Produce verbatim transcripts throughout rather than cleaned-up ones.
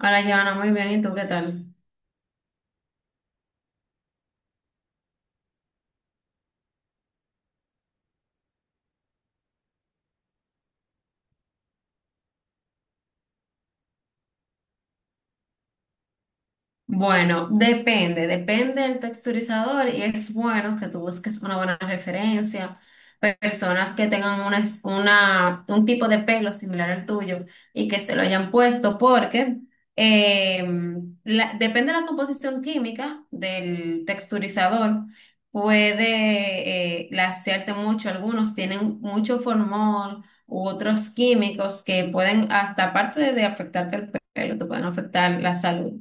Hola, Joana, muy bien. ¿Y tú qué tal? Bueno, depende, depende del texturizador y es bueno que tú busques una buena referencia, pe- personas que tengan una, es- una- un tipo de pelo similar al tuyo y que se lo hayan puesto porque eh, la- depende de la composición química del texturizador, puede eh, lacearte mucho, algunos tienen mucho formol u otros químicos que pueden hasta aparte de afectarte el pelo, te pueden afectar la salud.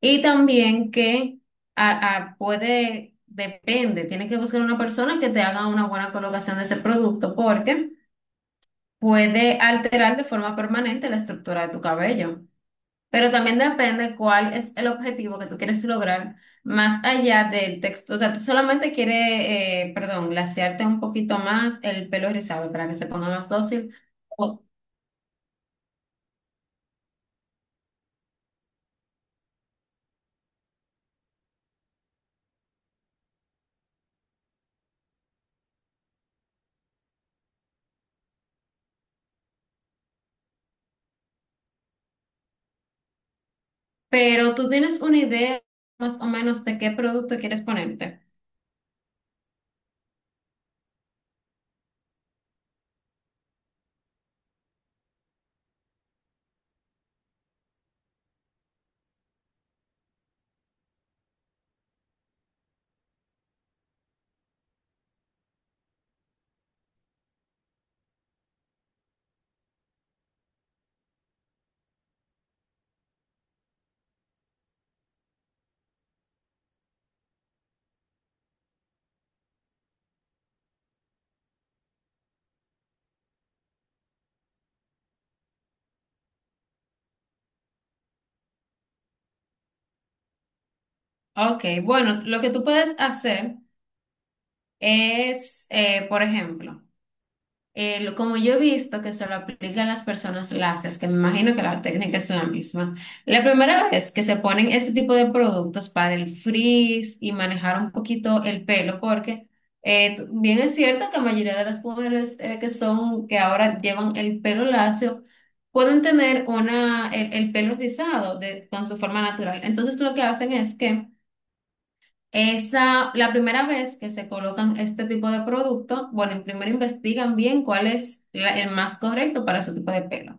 Y también que a- a- puede, depende, tienes que buscar una persona que te haga una buena colocación de ese producto porque puede alterar de forma permanente la estructura de tu cabello. Pero también depende cuál es el objetivo que tú quieres lograr más allá del texto. O sea, tú solamente quieres, eh, perdón, glasearte un poquito más el pelo rizado para que se ponga más dócil. O- pero tú tienes una idea más o menos de qué producto quieres ponerte. Ok, bueno, lo que tú puedes hacer es, eh, por ejemplo, eh, lo- como yo he visto que se lo aplican las personas lacias, que me imagino que la técnica es la misma, la primera vez que se ponen este tipo de productos para el frizz y manejar un poquito el pelo, porque eh, tú- bien es cierto que la mayoría de las mujeres eh, que son, que ahora llevan el pelo lacio, pueden tener una, el, el pelo rizado de- con su forma natural. Entonces lo que hacen es que... Esa, la primera vez que se colocan este tipo de producto, bueno, primero investigan bien cuál es la- el más correcto para su tipo de pelo.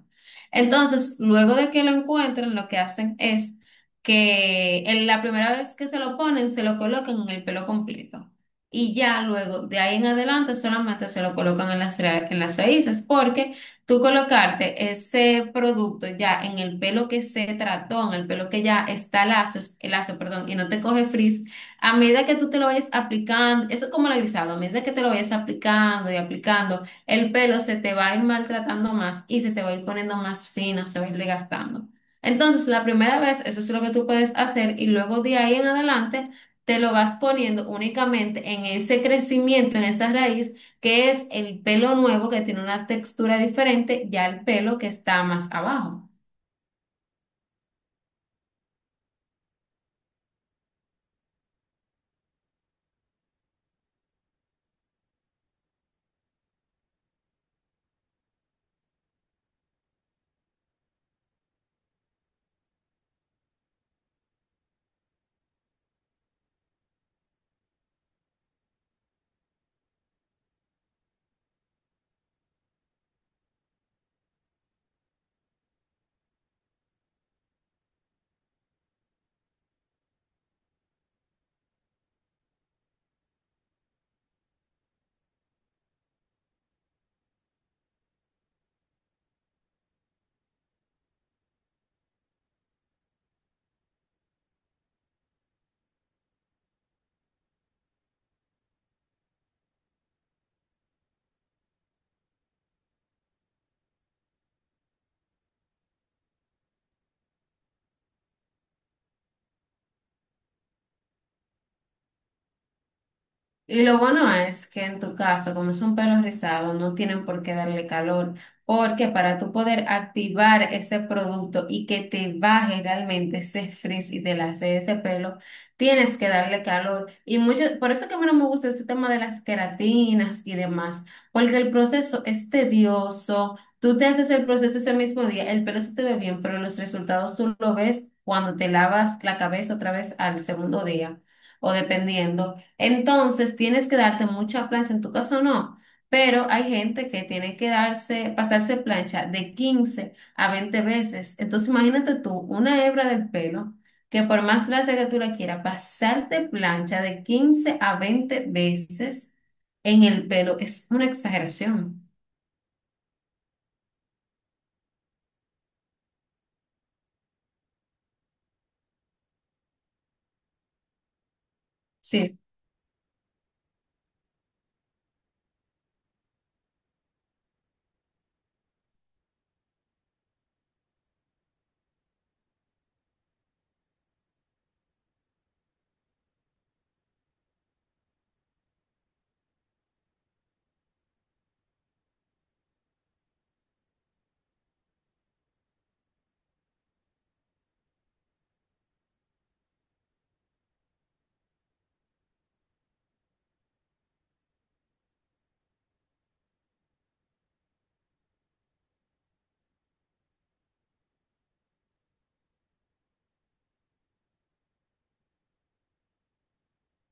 Entonces, luego de que lo encuentren, lo que hacen es que en la primera vez que se lo ponen, se lo colocan en el pelo completo. Y ya luego, de ahí en adelante, solamente se lo colocan en las, ra- en las raíces, porque tú colocarte ese producto ya en el pelo que se trató, en el pelo que ya está lazo, lazo, perdón, y no te coge frizz, a medida que tú te lo vayas aplicando, eso es como el alisado, a medida que te lo vayas aplicando y aplicando, el pelo se te va a ir maltratando más y se te va a ir poniendo más fino, se va a ir desgastando. Entonces, la primera vez, eso es lo que tú puedes hacer y luego de ahí en adelante te lo vas poniendo únicamente en ese crecimiento, en esa raíz, que es el pelo nuevo que tiene una textura diferente ya el pelo que está más abajo. Y lo bueno es que en tu caso, como son pelos rizados, no tienen por qué darle calor, porque para tú poder activar ese producto y que te baje realmente ese frizz y te lace ese pelo, tienes que darle calor. Y mucho, por eso que a mí no me gusta ese tema de las queratinas y demás, porque el proceso es tedioso. Tú te haces el proceso ese mismo día, el pelo se te ve bien, pero los resultados tú lo ves cuando te lavas la cabeza otra vez al segundo día, o dependiendo. Entonces, tienes que darte mucha plancha, en tu caso no, pero hay gente que tiene que darse, pasarse plancha de quince a veinte veces. Entonces, imagínate tú, una hebra del pelo, que por más lacia que tú la quieras, pasarte plancha de quince a veinte veces en el pelo es una exageración. Sí.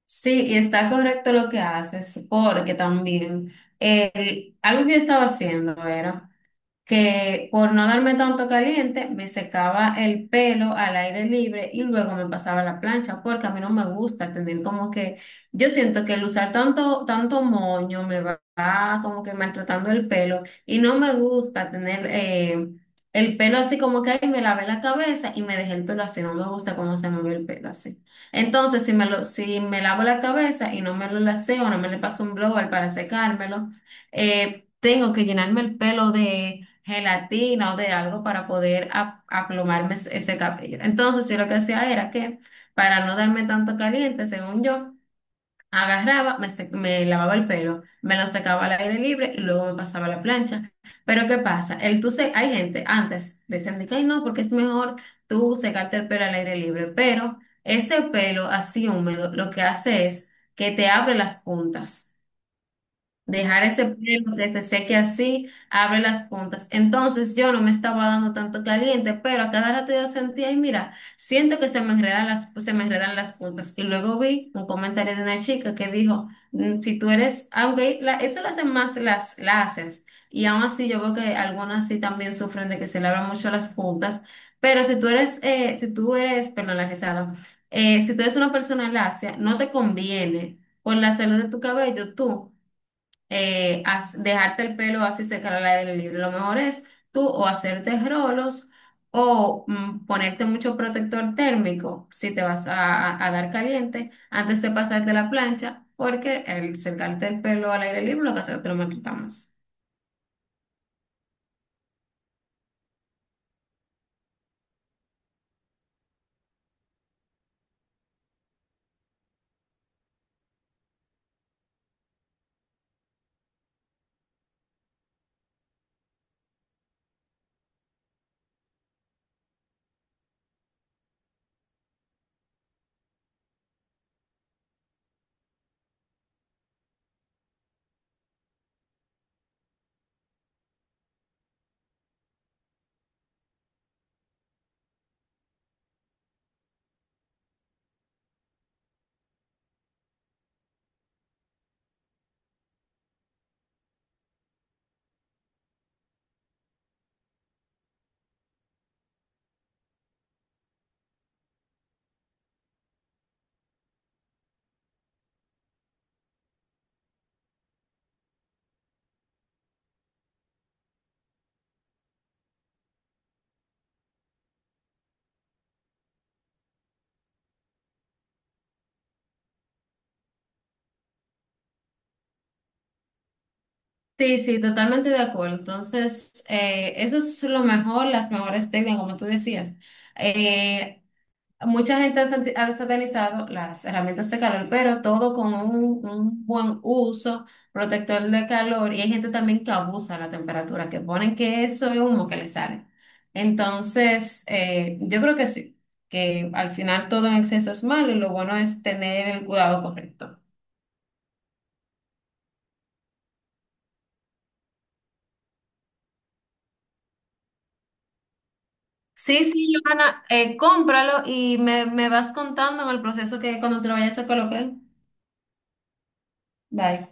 Sí, y está correcto lo que haces, porque también eh, algo que yo estaba haciendo era... que por no darme tanto caliente, me secaba el pelo al aire libre y luego me pasaba a la plancha, porque a mí no me gusta tener como que, yo siento que el usar tanto, tanto moño me va va como que maltratando el pelo y no me gusta tener eh, el pelo así como que ahí me lavé la cabeza y me dejé el pelo así, no me gusta cómo se me ve el pelo así. Entonces, si me lo, si me lavo la cabeza y no me lo laceo, no me le paso un blower para secármelo, eh, tengo que llenarme el pelo de gelatina o de algo para poder a- aplomarme ese ese cabello. Entonces, yo lo que hacía era que, para no darme tanto caliente, según yo, agarraba, me, sec- me lavaba el pelo, me lo secaba al aire libre y luego me pasaba a la plancha. Pero, ¿qué pasa? El tú se- hay gente antes decían de que, "Ay, no, porque es mejor tú secarte el pelo al aire libre, pero ese pelo así húmedo lo que hace es que te abre las puntas. Dejar ese pelo que se seque así, abre las puntas. Entonces yo no me estaba dando tanto caliente, pero a cada rato yo sentía, y mira, siento que se me enredan las, se me enredan las puntas. Y luego vi un comentario de una chica que dijo, "Mm, si tú eres, aunque la- eso lo hacen más las lacias, y aún así yo veo que algunas sí también sufren de que se le abran mucho las puntas, pero si tú eres, eh, si tú eres, perdón, la rizada, eh, si tú eres una persona lacia, no te conviene por la salud de tu cabello, tú eh, haz- dejarte el pelo así secar al aire libre. Lo mejor es tú o hacerte rolos o mm, ponerte mucho protector térmico si te vas a, a- a dar caliente antes de pasarte la plancha, porque el secarte el pelo al aire libre lo que hace es que te lo maltrata más. Sí, sí, totalmente de acuerdo. Entonces, eh, eso es lo mejor, las mejores técnicas, como tú decías. Eh, Mucha gente ha santi- ha satanizado las herramientas de calor, pero todo con un, un buen uso protector de calor. Y hay gente también que abusa de la temperatura, que ponen que eso es humo que le sale. Entonces, eh, yo creo que sí, que al final todo en exceso es malo y lo bueno es tener el cuidado correcto. Sí, sí, Johanna, eh, cómpralo y me, me vas contando en el proceso que cuando te lo vayas a colocar. Bye.